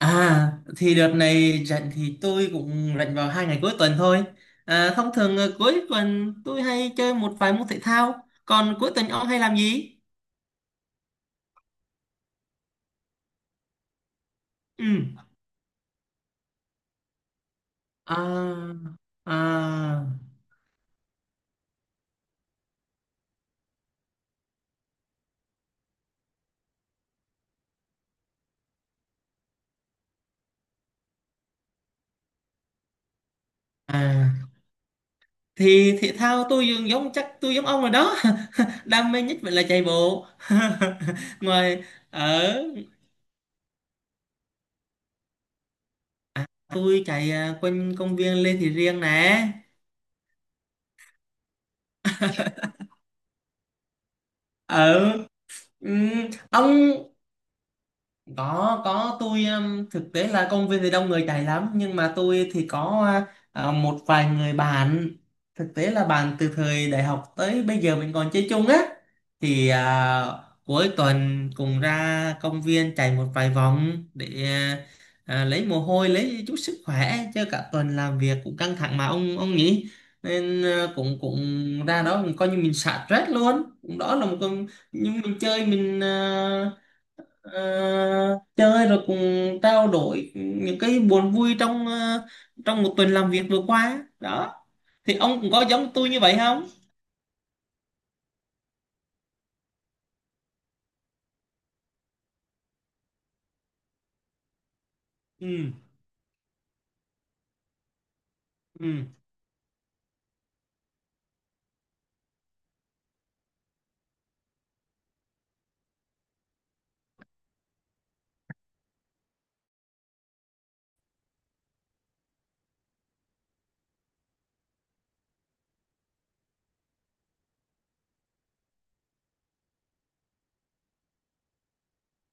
À thì đợt này rảnh thì tôi cũng rảnh vào hai ngày cuối tuần thôi. À, thông thường, cuối tuần tôi hay chơi một vài môn thể thao. Còn cuối tuần ông hay làm gì? Ừ. À, à, à. Thì thể thao tôi dường giống chắc tôi giống ông rồi đó. Đam mê nhất vẫn là chạy bộ. Ngoài ở Tôi chạy quanh công viên Lê Thị Riêng nè. Ở ừ, ông có tôi thực tế là công viên thì đông người chạy lắm, nhưng mà tôi thì có một vài người bạn, thực tế là bạn từ thời đại học tới bây giờ mình còn chơi chung á, thì cuối tuần cùng ra công viên chạy một vài vòng để lấy mồ hôi, lấy chút sức khỏe chứ cả tuần làm việc cũng căng thẳng mà, ông nhỉ. Nên à, cũng cũng ra đó coi như mình xả stress luôn, cũng đó là một con nhưng mình chơi Ờ, chơi rồi cùng trao đổi những cái buồn vui trong một tuần làm việc vừa qua đó. Thì ông cũng có giống tôi như vậy không? ừ ừ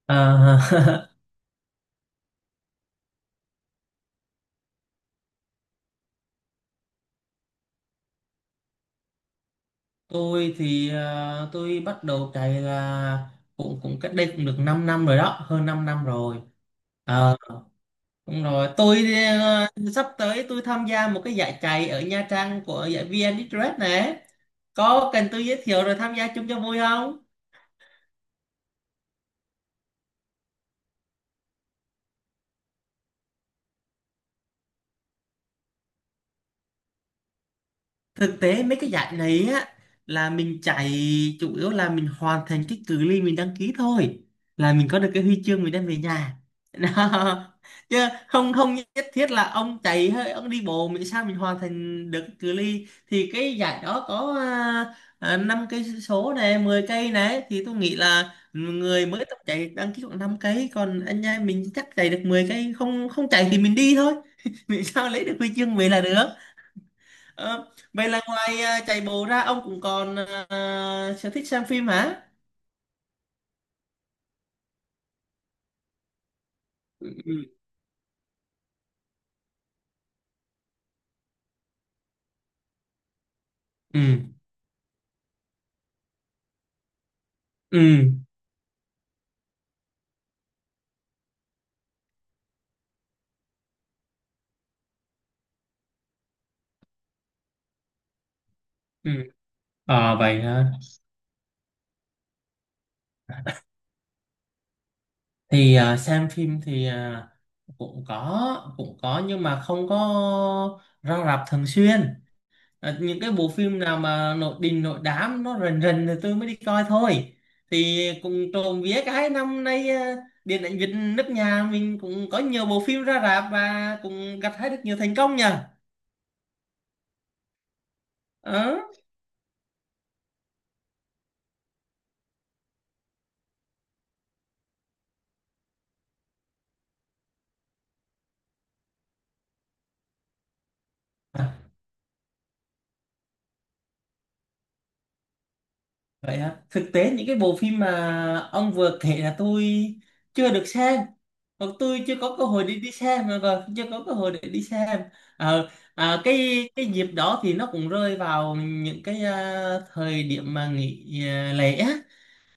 À, tôi bắt đầu chạy là cũng cũng cách đây cũng được 5 năm rồi đó, hơn 5 năm rồi. Ờ, Đúng rồi tôi, ờ, sắp tới tôi tham gia một cái giải chạy ở Nha Trang của giải VN Express này. Có cần tôi giới thiệu rồi tham gia chung cho vui không? Thực tế mấy cái giải này á, là mình chạy chủ yếu là mình hoàn thành cái cự ly mình đăng ký thôi, là mình có được cái huy chương mình đem về nhà. Đó. Chứ không không nhất thiết là ông chạy hơi ông đi bộ, mình sao mình hoàn thành được cái cự ly thì cái giải đó có, 5 cây số này, 10 cây này, thì tôi nghĩ là người mới tập chạy đăng ký khoảng 5 cây, còn anh em mình chắc chạy được 10 cây, không không chạy thì mình đi thôi. Mình sao lấy được huy chương về là được. Ờ, Vậy là ngoài chạy bộ ra ông cũng còn sở thích xem phim hả? Ừ. Ừ. Ừ. Ừ. Ờ vậy hả? Xem phim thì cũng có nhưng mà không có ra rạp thường xuyên. À, những cái bộ phim nào mà nội đình nội đám nó rần rần thì tôi mới đi coi thôi. Thì cũng trộm vía cái năm nay, điện ảnh Việt nước nhà mình cũng có nhiều bộ phim ra rạp và cũng gặt hái được nhiều thành công nhờ. Ờ. À, vậy hả? Thực tế những cái bộ phim mà ông vừa kể là tôi chưa được xem, hoặc tôi chưa có cơ hội để đi xem, mà còn chưa có cơ hội để đi xem. Ờ, cái dịp đó thì nó cũng rơi vào những cái thời điểm mà nghỉ lễ á,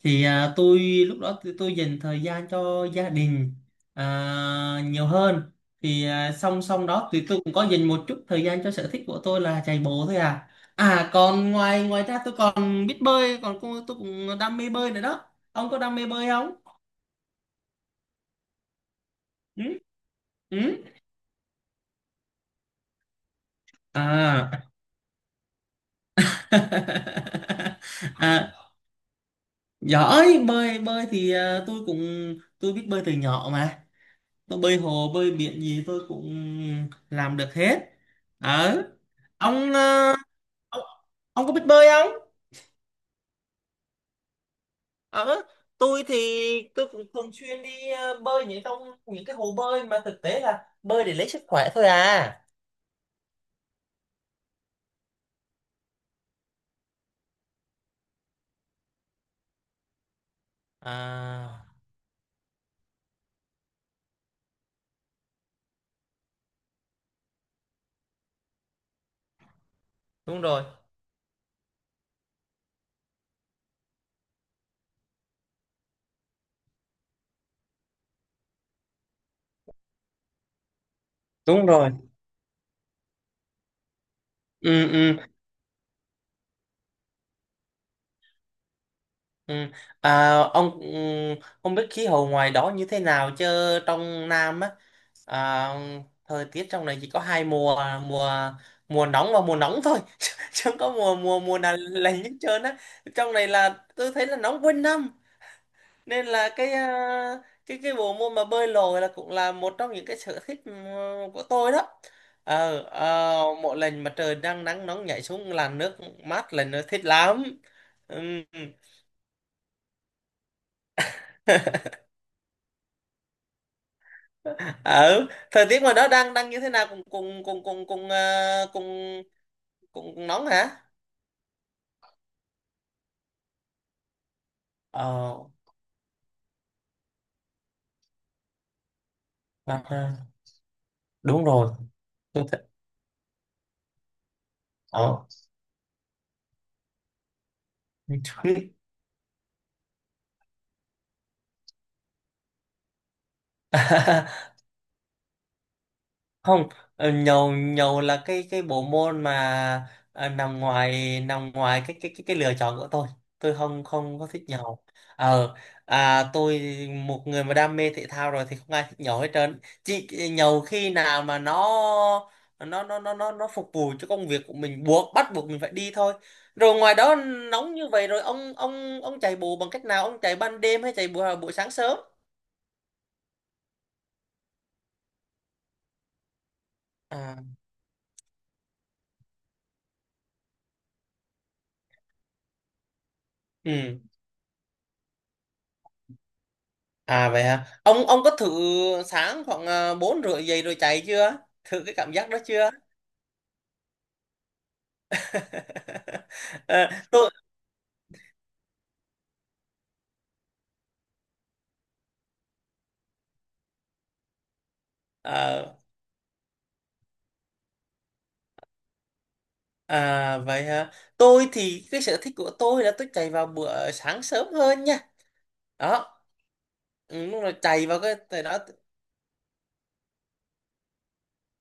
thì tôi lúc đó tôi dành thời gian cho gia đình nhiều hơn. Thì song song đó thì tôi cũng có dành một chút thời gian cho sở thích của tôi là chạy bộ thôi à. À còn ngoài ngoài ra tôi còn biết bơi, còn tôi cũng đam mê bơi nữa đó. Ông có đam mê bơi không? Ừ? Ừ? à à Giỏi bơi, bơi thì tôi cũng tôi biết bơi từ nhỏ mà. Tôi bơi hồ bơi biển gì tôi cũng làm được hết. ở ông ông ông có biết bơi không? ở tôi thì tôi cũng thường xuyên đi bơi những trong những cái hồ bơi mà thực tế là bơi để lấy sức khỏe thôi à. à Đúng rồi, đúng rồi. ừ ừ Ừ. À, ông, không biết khí hậu ngoài đó như thế nào chứ trong Nam á, à, thời tiết trong này chỉ có hai mùa, mùa nóng và mùa nóng thôi chứ chứ không có mùa mùa mùa nào lạnh hết trơn á. Trong này là tôi thấy là nóng quanh năm, nên là cái à, cái cái bộ môn mà bơi lội là cũng là một trong những cái sở thích của tôi đó. Mỗi lần mà trời đang nắng nóng nhảy xuống làn nước mát là nó thích lắm. Ừ. Ừ thời tiết ngoài đó đang đang như thế nào cùng cùng cùng cùng cùng ờ, cùng cùng, cùng nóng hả? Ờ, bác, ờ, Đúng rồi. Tôi thấy, ờ. Không, ờ, nhầu nhầu là cái bộ môn mà nằm ngoài cái lựa chọn của tôi. Tôi không không có thích nhầu. ờ tôi một người mà đam mê thể thao rồi thì không ai thích nhầu hết trơn, chỉ nhầu khi nào mà nó phục vụ cho công việc của mình, buộc bắt buộc mình phải đi thôi. Rồi ngoài đó nóng như vậy rồi ông chạy bộ bằng cách nào, ông chạy ban đêm hay chạy buổi buổi sáng sớm? à ừ À vậy hả? Ông có thử sáng khoảng 4 rưỡi dậy rồi chạy chưa? Thử cái cảm giác đó chưa? Ờ, tôi ờ, Vậy hả? Tôi thì cái sở thích của tôi là tôi chạy vào bữa sáng sớm hơn nha. Đó, ừ, đúng rồi, chạy vào cái thời đó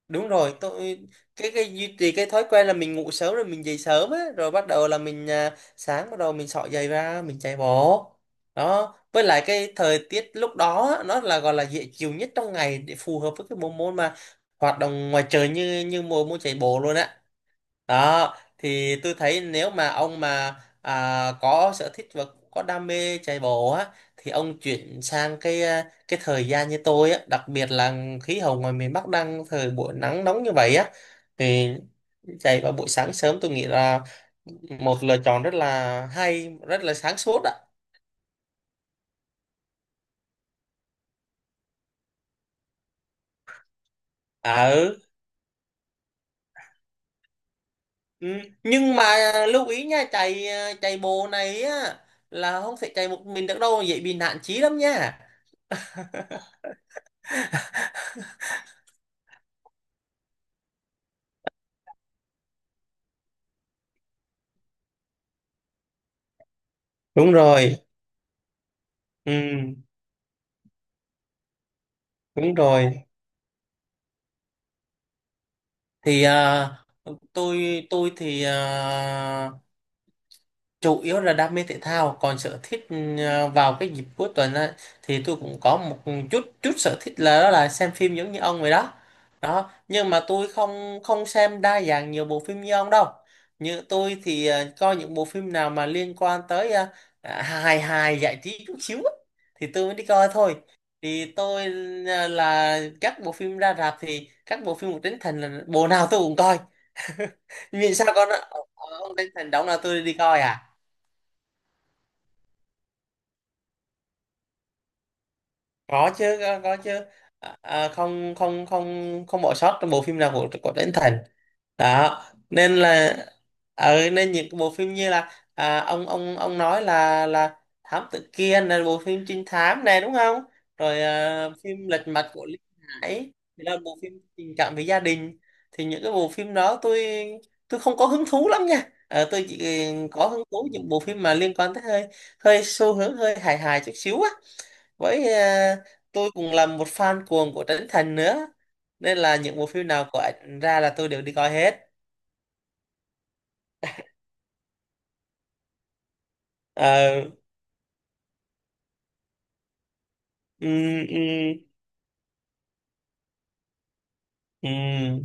đúng rồi. Tôi cái duy trì cái thói quen là mình ngủ sớm rồi mình dậy sớm á, rồi bắt đầu là mình sáng bắt đầu mình xỏ giày ra mình chạy bộ đó. Với lại cái thời tiết lúc đó á, nó là gọi là dễ chịu nhất trong ngày để phù hợp với cái bộ môn mà hoạt động ngoài trời như như mùa môn chạy bộ luôn á. Đó, thì tôi thấy nếu mà ông mà à, có sở thích và có đam mê chạy bộ á, thì ông chuyển sang cái thời gian như tôi á, đặc biệt là khí hậu ngoài miền Bắc đang thời buổi nắng nóng như vậy á, thì chạy vào buổi sáng sớm tôi nghĩ là một lựa chọn rất là hay, rất là sáng suốt á. À, ừ. Ừ, nhưng mà lưu ý nha, chạy chạy bộ này á là không thể chạy một mình được đâu, dễ bị nạn chí lắm nha. Đúng rồi. Ừ. Đúng rồi. Thì tôi chủ yếu là đam mê thể thao, còn sở thích vào cái dịp cuối tuần á, thì tôi cũng có một chút chút sở thích là đó là xem phim giống như ông vậy đó. Đó nhưng mà tôi không không xem đa dạng nhiều bộ phim như ông đâu. Như tôi thì coi những bộ phim nào mà liên quan tới hài hài giải trí chút xíu á, thì tôi mới đi coi thôi. Thì tôi là các bộ phim ra rạp thì các bộ phim của Trấn Thành là bộ nào tôi cũng coi. Vì sao con, ông Trấn Thành đóng là tôi đi coi à. Có chứ, có chứ. À, à, không không không không bỏ sót trong bộ phim nào của Trấn Thành đó. Nên là nên những cái bộ phim như là à, ông nói là thám tử Kiên là bộ phim trinh thám này đúng không? Rồi phim Lật Mặt của Lý Hải thì là bộ phim tình cảm về gia đình, thì những cái bộ phim đó tôi không có hứng thú lắm nha. Ờ, tôi chỉ có hứng thú những bộ phim mà liên quan tới hơi hơi xu hướng hơi hài hài chút xíu á, với tôi cũng là một fan cuồng của Trấn Thành nữa, nên là những bộ phim nào của ảnh ra là tôi đều đi coi hết. Ờ, ừm, ừm, ừm.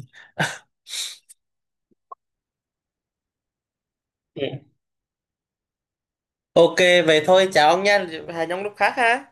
Ok, vậy thôi chào ông nha, hẹn ông lúc khác ha.